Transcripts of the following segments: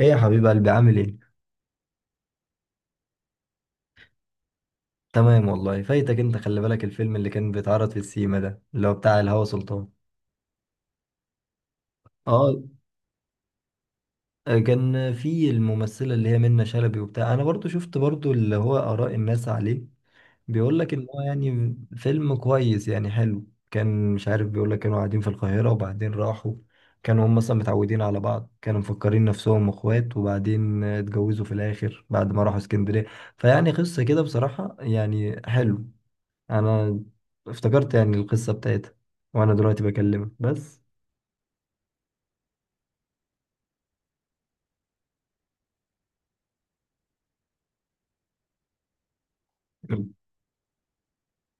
ايه يا حبيب قلبي، عامل ايه؟ تمام والله. فايتك انت، خلي بالك الفيلم اللي كان بيتعرض في السيما ده اللي هو بتاع الهوى سلطان. اه كان في الممثلة اللي هي منة شلبي وبتاع. انا برضو شفت برضو اللي هو اراء الناس عليه، بيقول لك ان هو يعني فيلم كويس، يعني حلو. كان مش عارف بيقول لك كانوا قاعدين في القاهرة وبعدين راحوا. كانوا هم مثلا متعودين على بعض، كانوا مفكرين نفسهم اخوات، وبعدين اتجوزوا في الاخر بعد ما راحوا اسكندرية. فيعني قصة كده بصراحة، يعني حلو. انا افتكرت يعني القصه بتاعتها وانا دلوقتي بكلمك بس.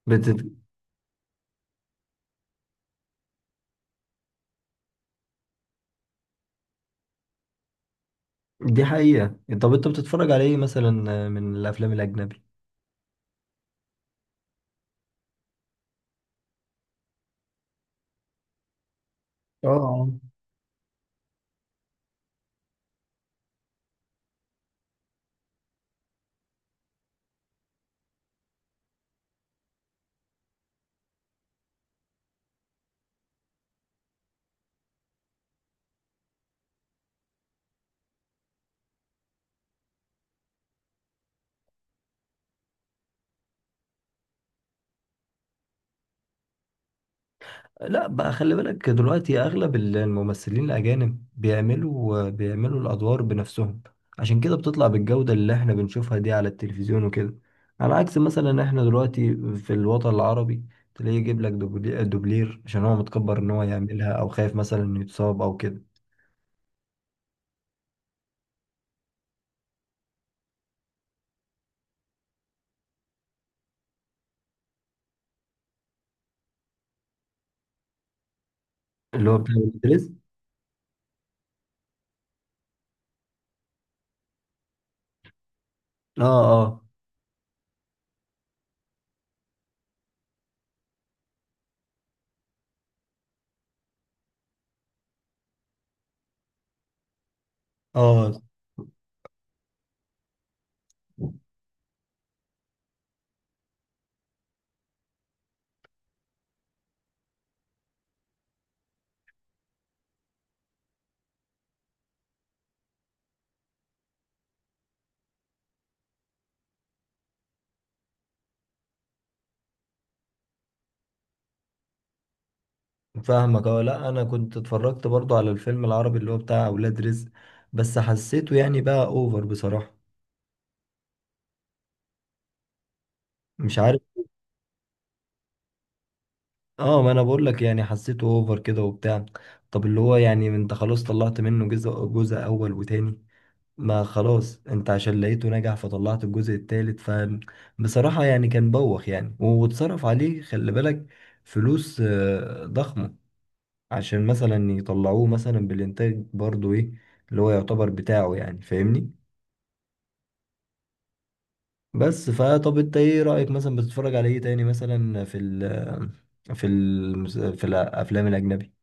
بتت... دي حقيقه. طب انت بتتفرج على ايه مثلا من الافلام الاجنبي؟ اه. لا بقى، خلي بالك دلوقتي اغلب الممثلين الاجانب بيعملوا الادوار بنفسهم، عشان كده بتطلع بالجودة اللي احنا بنشوفها دي على التلفزيون وكده. على عكس مثلا احنا دلوقتي في الوطن العربي، تلاقيه يجيب لك دوبلير عشان هو متكبر ان هو يعملها، او خايف مثلا انه يتصاب او كده. اللي هو بتاع. اه اه اه فاهمك. اه، لا انا كنت اتفرجت برضو على الفيلم العربي اللي هو بتاع اولاد رزق، بس حسيته يعني بقى اوفر بصراحة، مش عارف. اه، ما انا بقول لك يعني حسيته اوفر كده وبتاع. طب اللي هو يعني انت خلاص طلعت منه جزء، جزء اول وتاني، ما خلاص انت عشان لقيته نجح فطلعت الجزء التالت. بصراحة يعني كان بوخ، يعني واتصرف عليه خلي بالك فلوس ضخمة، عشان مثلا يطلعوه مثلا بالإنتاج برضو إيه اللي هو يعتبر بتاعه، يعني فاهمني. بس فطب أنت إيه رأيك مثلا؟ بتتفرج على إيه تاني مثلا في ال في ال في الأفلام الأجنبي؟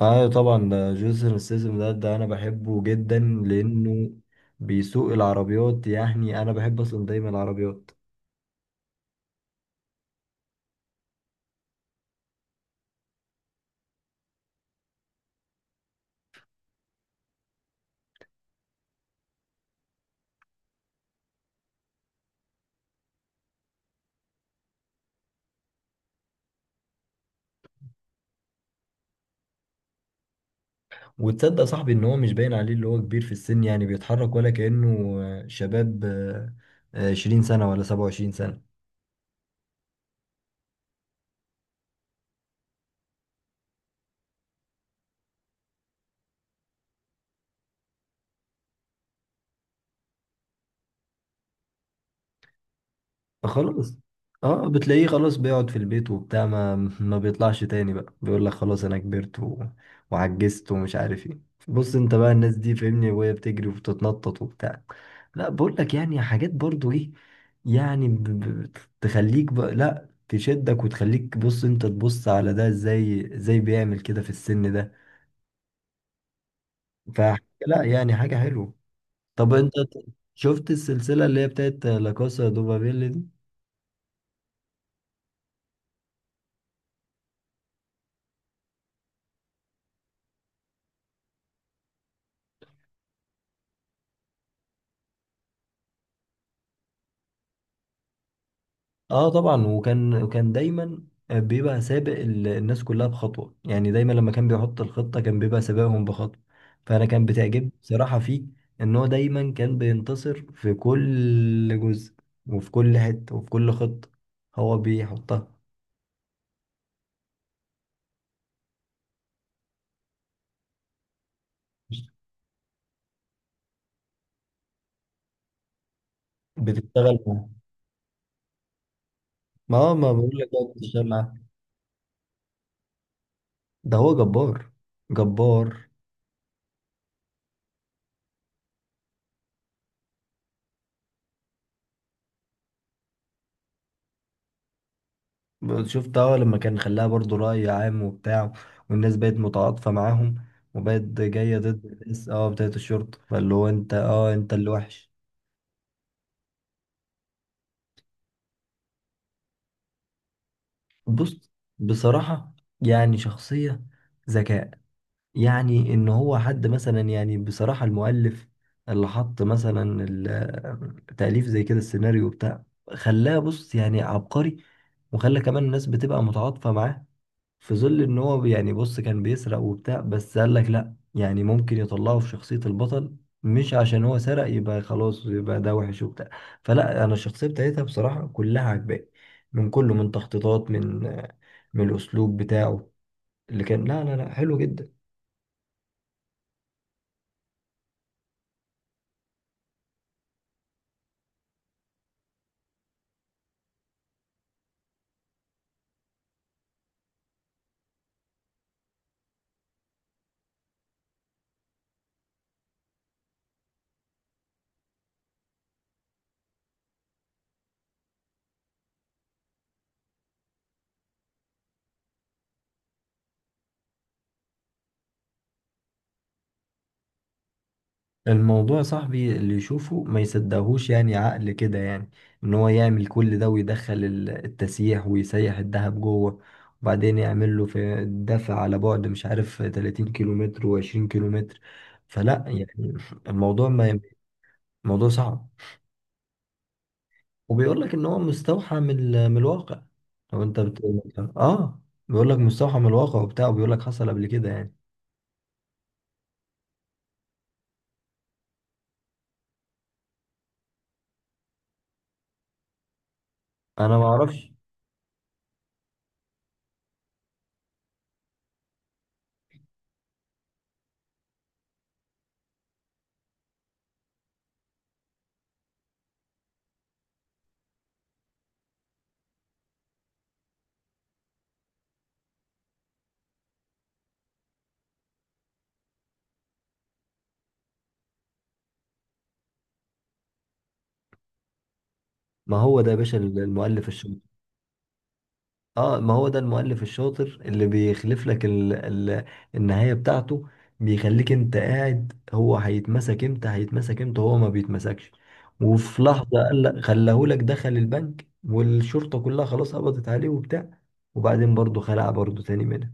آه طبعا، ده جيسون ستاثام ده، أنا بحبه جدا لأنه بيسوق العربيات. يعني أنا بحب أصلا دايما العربيات. وتصدق صاحبي ان هو مش باين عليه اللي هو كبير في السن؟ يعني بيتحرك ولا كأنه شباب، 20 سنة ولا 27 سنة. خلاص، اه بتلاقيه خلاص بيقعد في البيت وبتاع، ما بيطلعش تاني بقى، بيقول لك خلاص انا كبرت وعجزت ومش عارف ايه. بص انت بقى الناس دي فاهمني، وهي بتجري وبتتنطط وبتاع. لا بقول لك يعني حاجات برضو ايه، يعني ب... ب... تخليك بقى، لا تشدك وتخليك بص انت تبص على ده، ازاي ازاي بيعمل كده في السن ده. ف لا يعني حاجة حلوة. طب انت شفت السلسلة اللي هي بتاعت لا كاسا دوبابيل؟ اه طبعا، وكان دايما بيبقى سابق الناس كلها بخطوة. يعني دايما لما كان بيحط الخطة كان بيبقى سابقهم بخطوة. فأنا كان بتعجبني بصراحة فيه إن هو دايما كان بينتصر في كل جزء، وفي كل حتة، وفي كل خطة هو بيحطها. بتشتغل معاه، ما هو ما بقول لك بقى بتشتغل معاه. ده هو جبار، جبار. شفت؟ اه، لما كان خلاها برضو رأي عام وبتاع، والناس بقت متعاطفة معاهم، وبقت جاية ضد الناس اه بتاعت الشرطة، فاللي هو انت اه انت اللي وحش. بص بصراحة، يعني شخصية ذكاء. يعني ان هو حد مثلا، يعني بصراحة المؤلف اللي حط مثلا التأليف زي كده، السيناريو بتاع، خلاه بص يعني عبقري، وخلى كمان الناس بتبقى متعاطفة معاه في ظل ان هو يعني بص كان بيسرق وبتاع. بس قال لك لا، يعني ممكن يطلعه في شخصية البطل، مش عشان هو سرق يبقى خلاص يبقى ده وحش وبتاع. فلا، انا الشخصية بتاعتها بصراحة كلها عجباني، من كله، من تخطيطات، من الاسلوب بتاعه اللي كان، لا لا لا حلو جدا. الموضوع يا صاحبي اللي يشوفه ما يصدقهوش، يعني عقل كده، يعني ان هو يعمل كل ده ويدخل التسيح ويسيح الذهب جوه، وبعدين يعمل له في الدفع على بعد مش عارف 30 كيلومتر و20 كيلومتر. فلا يعني الموضوع ما الموضوع صعب. وبيقول لك ان هو مستوحى من من الواقع، لو انت اه، بيقول لك مستوحى من الواقع وبتاع، وبيقول لك حصل قبل كده يعني. انا ما اعرفش. ما هو ده يا باشا المؤلف. اه، ما هو ده المؤلف الشاطر اللي بيخلف لك النهاية بتاعته، بيخليك انت قاعد هو هيتمسك امتى، هيتمسك امتى، هو ما بيتمسكش. وفي لحظة قال لك خلاهولك، دخل البنك والشرطة كلها خلاص قبضت عليه وبتاع، وبعدين برضه خلع برضه تاني منها.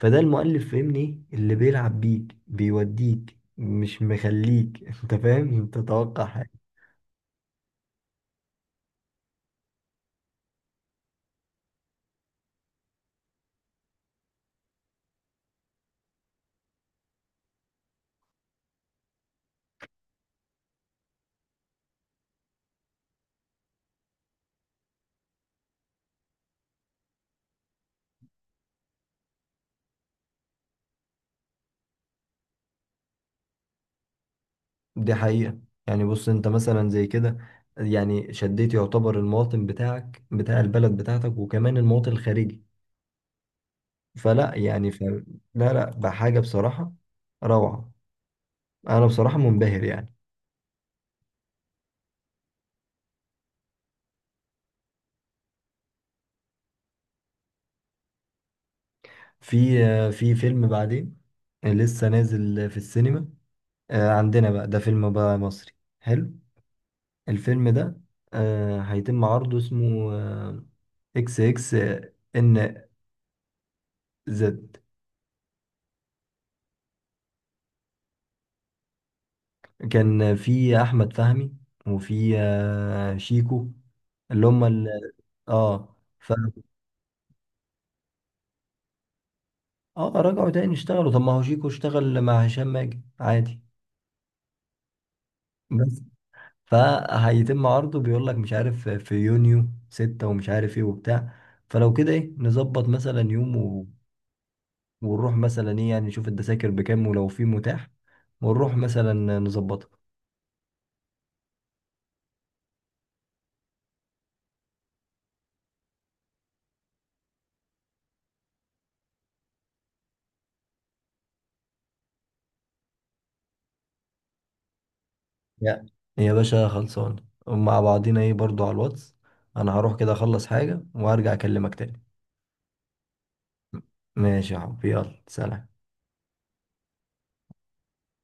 فده المؤلف، فاهمني؟ ايه اللي بيلعب بيك، بيوديك مش مخليك انت فاهم انت تتوقع. دي حقيقة. يعني بص انت مثلا زي كده، يعني شديت يعتبر المواطن بتاعك بتاع البلد بتاعتك، وكمان المواطن الخارجي. فلا يعني لا، لا بحاجة بصراحة، روعة. انا بصراحة منبهر يعني. في في فيلم بعدين لسه نازل في السينما عندنا بقى، ده فيلم بقى مصري حلو. الفيلم ده هيتم عرضه، اسمه اكس اكس ان زد. كان في احمد فهمي، وفي شيكو، اللي هم اه. اه رجعوا تاني اشتغلوا، طب ما هو شيكو اشتغل مع هشام ماجد عادي. بس فهيتم عرضه، بيقول لك مش عارف في يونيو 6 ومش عارف ايه وبتاع. فلو كده ايه، نظبط مثلا يوم ونروح مثلا ايه، يعني نشوف الدساكر بكام ولو في متاح، ونروح مثلا نظبطها. يا يا باشا، خلصان. مع بعضينا ايه برضو على الواتس. انا هروح كده اخلص حاجة وهرجع اكلمك تاني. ماشي يا حبيبي، يلا سلام.